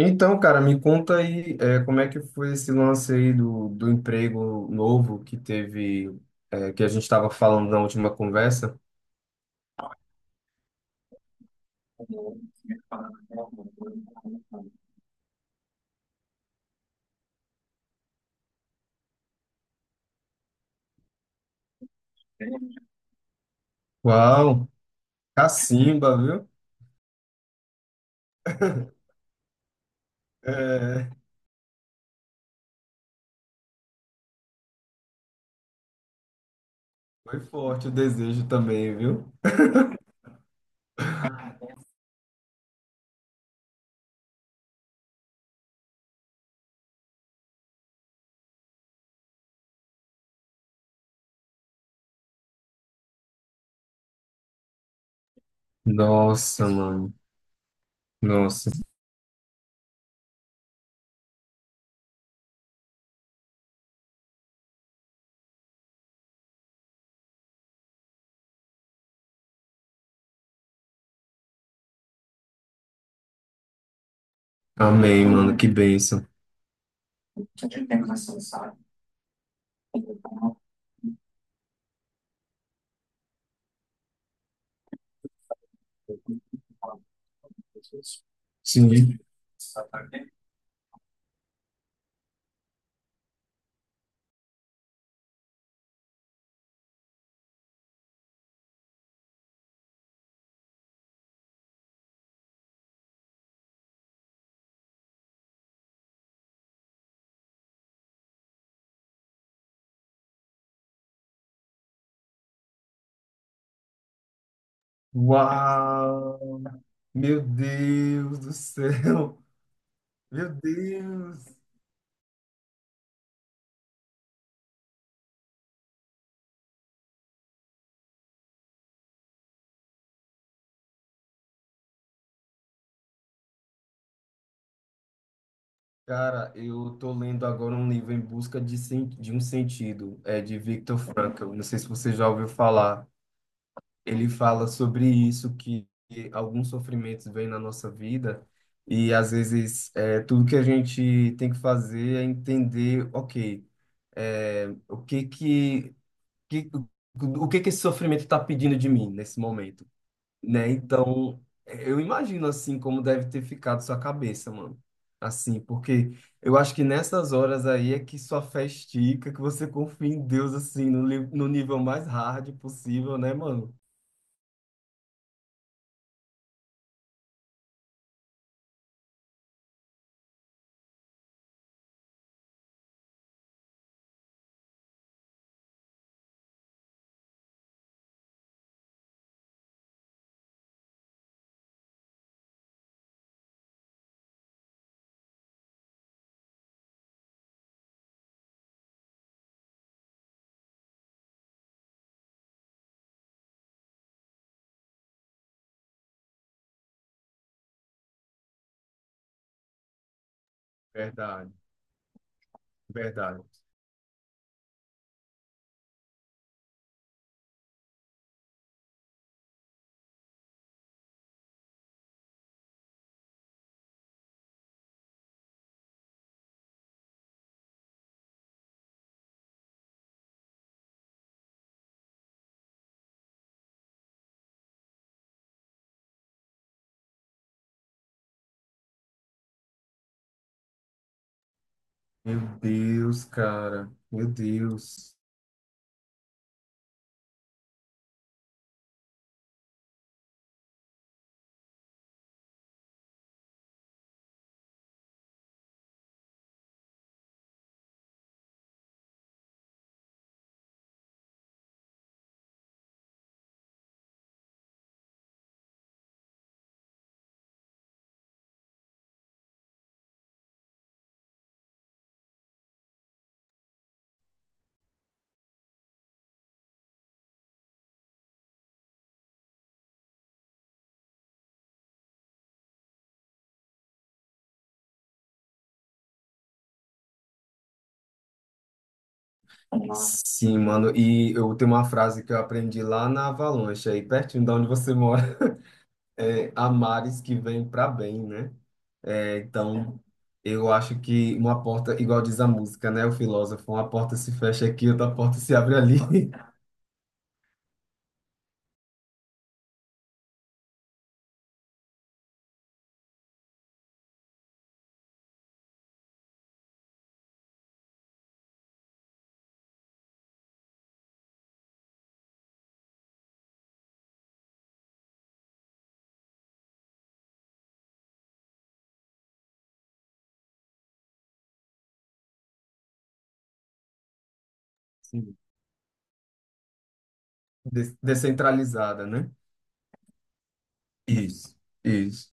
Então, cara, me conta aí, como é que foi esse lance aí do emprego novo que teve, que a gente estava falando na última conversa? Uau, cacimba, viu? É, foi forte o desejo também, viu? Nossa, mano. Nossa. Amém, mano. Que bênção. Sim. Uau! Meu Deus do céu! Meu Deus! Cara, eu tô lendo agora um livro Em Busca de um Sentido, é de Viktor Frankl. Não sei se você já ouviu falar. Ele fala sobre isso, que alguns sofrimentos vêm na nossa vida e às vezes tudo que a gente tem que fazer é entender, ok, é, o que que, que o que que esse sofrimento está pedindo de mim nesse momento, né? Então, eu imagino assim como deve ter ficado sua cabeça, mano. Assim, porque eu acho que nessas horas aí é que sua fé estica, que você confia em Deus assim no nível mais hard possível, né, mano? Verdade, verdade. Meu Deus, cara. Meu Deus. Sim, mano. E eu tenho uma frase que eu aprendi lá na Avalanche, aí pertinho de onde você mora. É, há mares que vêm para bem, né? É, então, eu acho que uma porta, igual diz a música, né? O filósofo, uma porta se fecha aqui, outra porta se abre ali. Sim. Descentralizada, né? Isso, isso.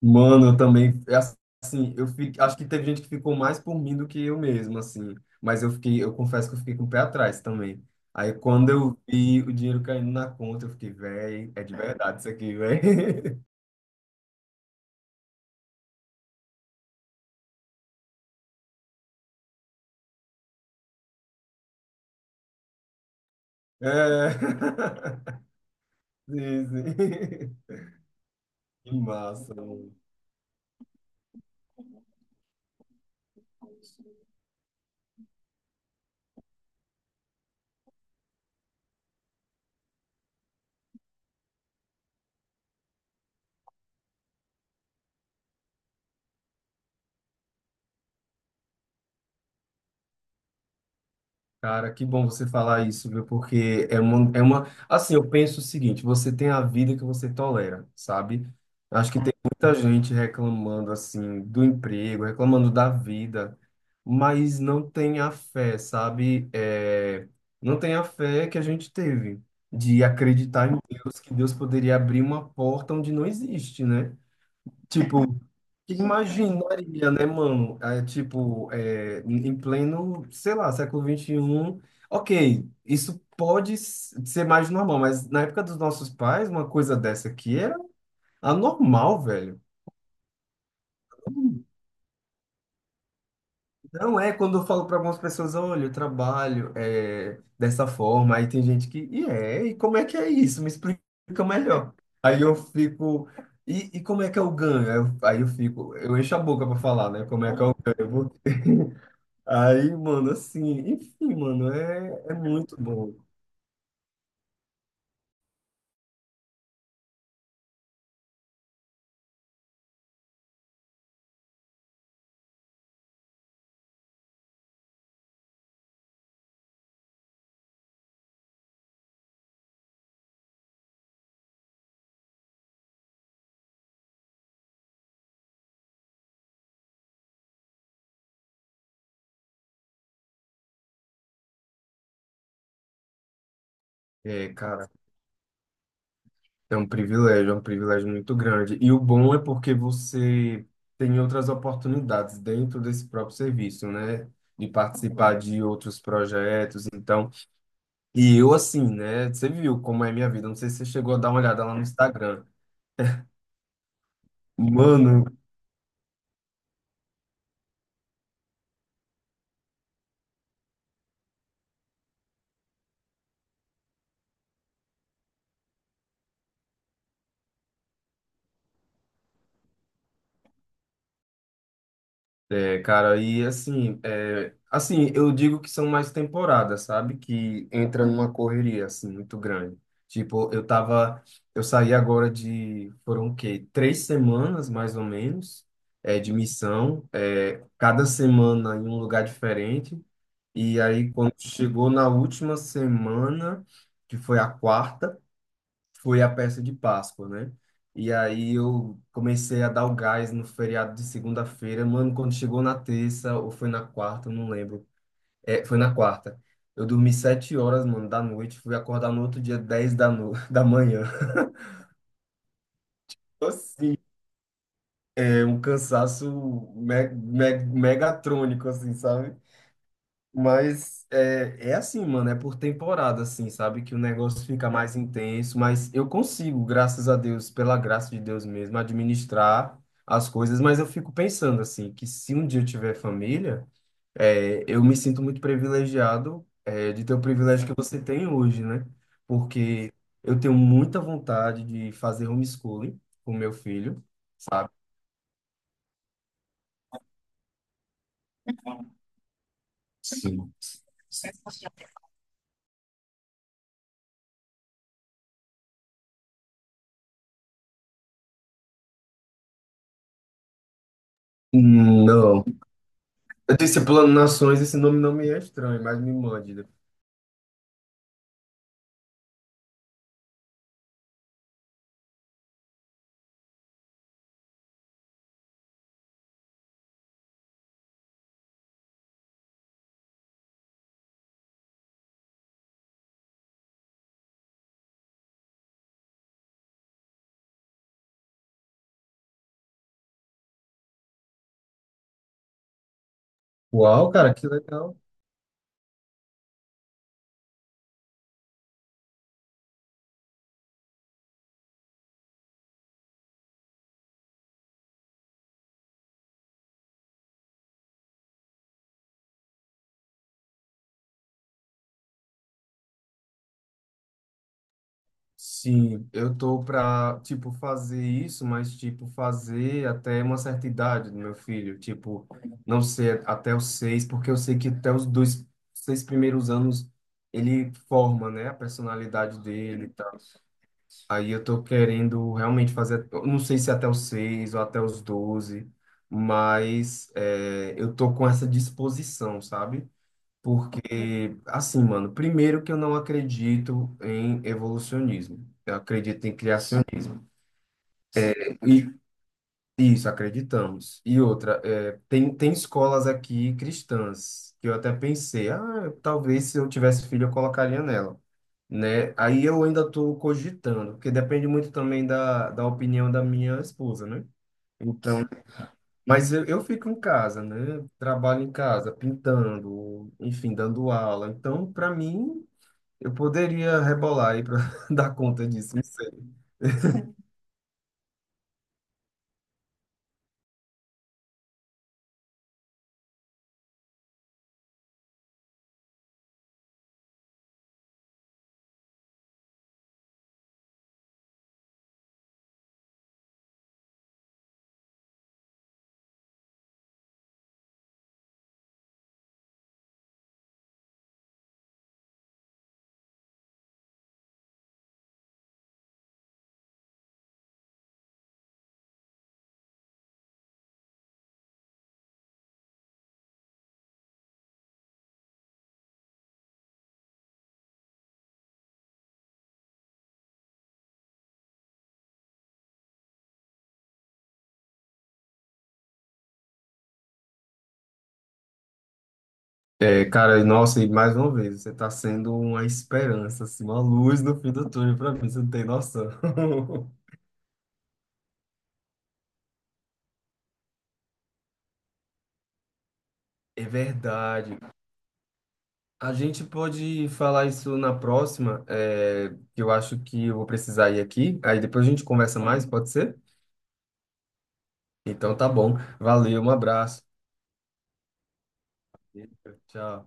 Mano, eu também, assim, eu fico, acho que teve gente que ficou mais por mim do que eu mesmo, assim. Mas eu fiquei, eu confesso que eu fiquei com o pé atrás também. Aí quando eu vi o dinheiro caindo na conta, eu fiquei, véi, é de verdade isso aqui, véi. É. Sim, sim. Que massa, mano. Cara, que bom você falar isso, viu? Porque é uma. Assim, eu penso o seguinte: você tem a vida que você tolera, sabe? Acho que tem muita gente reclamando, assim, do emprego, reclamando da vida, mas não tem a fé, sabe? É, não tem a fé que a gente teve de acreditar em Deus, que Deus poderia abrir uma porta onde não existe, né? Tipo, que imaginaria, né, mano? É, tipo, em pleno, sei lá, século XXI. Ok, isso pode ser mais normal, mas na época dos nossos pais, uma coisa dessa aqui era anormal, velho. Não é quando eu falo para algumas pessoas, olha, eu trabalho dessa forma, aí tem gente que, e como é que é isso? Me explica melhor. Aí eu fico, e como é que é o ganho? Aí eu fico, eu encho a boca para falar, né? Como é que é ganho? Aí, mano, assim, enfim, mano, é muito bom. É, cara, é um privilégio muito grande. E o bom é porque você tem outras oportunidades dentro desse próprio serviço, né? De participar de outros projetos, então. E eu, assim, né? Você viu como é a minha vida, não sei se você chegou a dar uma olhada lá no Instagram. Mano, é, cara, e assim, eu digo que são mais temporadas, sabe? Que entra numa correria, assim, muito grande. Tipo, eu saí agora de, foram o quê? 3 semanas, mais ou menos, de missão, cada semana em um lugar diferente. E aí, quando chegou na última semana, que foi a quarta, foi a peça de Páscoa, né? E aí eu comecei a dar o gás no feriado de segunda-feira. Mano, quando chegou na terça ou foi na quarta, eu não lembro. É, foi na quarta. Eu dormi 7 horas, mano, da noite. Fui acordar no outro dia, 10 da, no... da manhã. Assim, é um cansaço me megatrônico, assim, sabe? Mas é assim, mano, é por temporada, assim, sabe? Que o negócio fica mais intenso, mas eu consigo, graças a Deus, pela graça de Deus mesmo, administrar as coisas, mas eu fico pensando, assim, que se um dia eu tiver família, eu me sinto muito privilegiado, de ter o privilégio que você tem hoje, né? Porque eu tenho muita vontade de fazer homeschooling com meu filho, sabe? Sim. Não. Eu disse plano nações, esse nome não me é estranho, mas me mande. Uau, cara, que legal. Sim, eu tô pra, tipo, fazer isso, mas, tipo, fazer até uma certa idade do meu filho. Tipo, não ser até os 6, porque eu sei que até os 6 primeiros anos ele forma, né, a personalidade dele e tal. Aí eu tô querendo realmente fazer, eu não sei se até os 6 ou até os 12, mas eu tô com essa disposição, sabe? Porque, assim, mano, primeiro que eu não acredito em evolucionismo. Eu acredito em criacionismo. E isso, acreditamos. E outra, tem escolas aqui cristãs que eu até pensei, ah, talvez se eu tivesse filho eu colocaria nela, né? Aí eu ainda estou cogitando, porque depende muito também da opinião da minha esposa, né? Então, mas eu fico em casa, né? Trabalho em casa, pintando, enfim, dando aula. Então, para mim, eu poderia rebolar aí para dar conta disso, não sei. É, cara, nossa, e mais uma vez, você tá sendo uma esperança, assim, uma luz no fim do túnel pra mim, você não tem noção. É verdade. A gente pode falar isso na próxima, que eu acho que eu vou precisar ir aqui, aí depois a gente conversa mais, pode ser? Então tá bom. Valeu, um abraço. Tchau.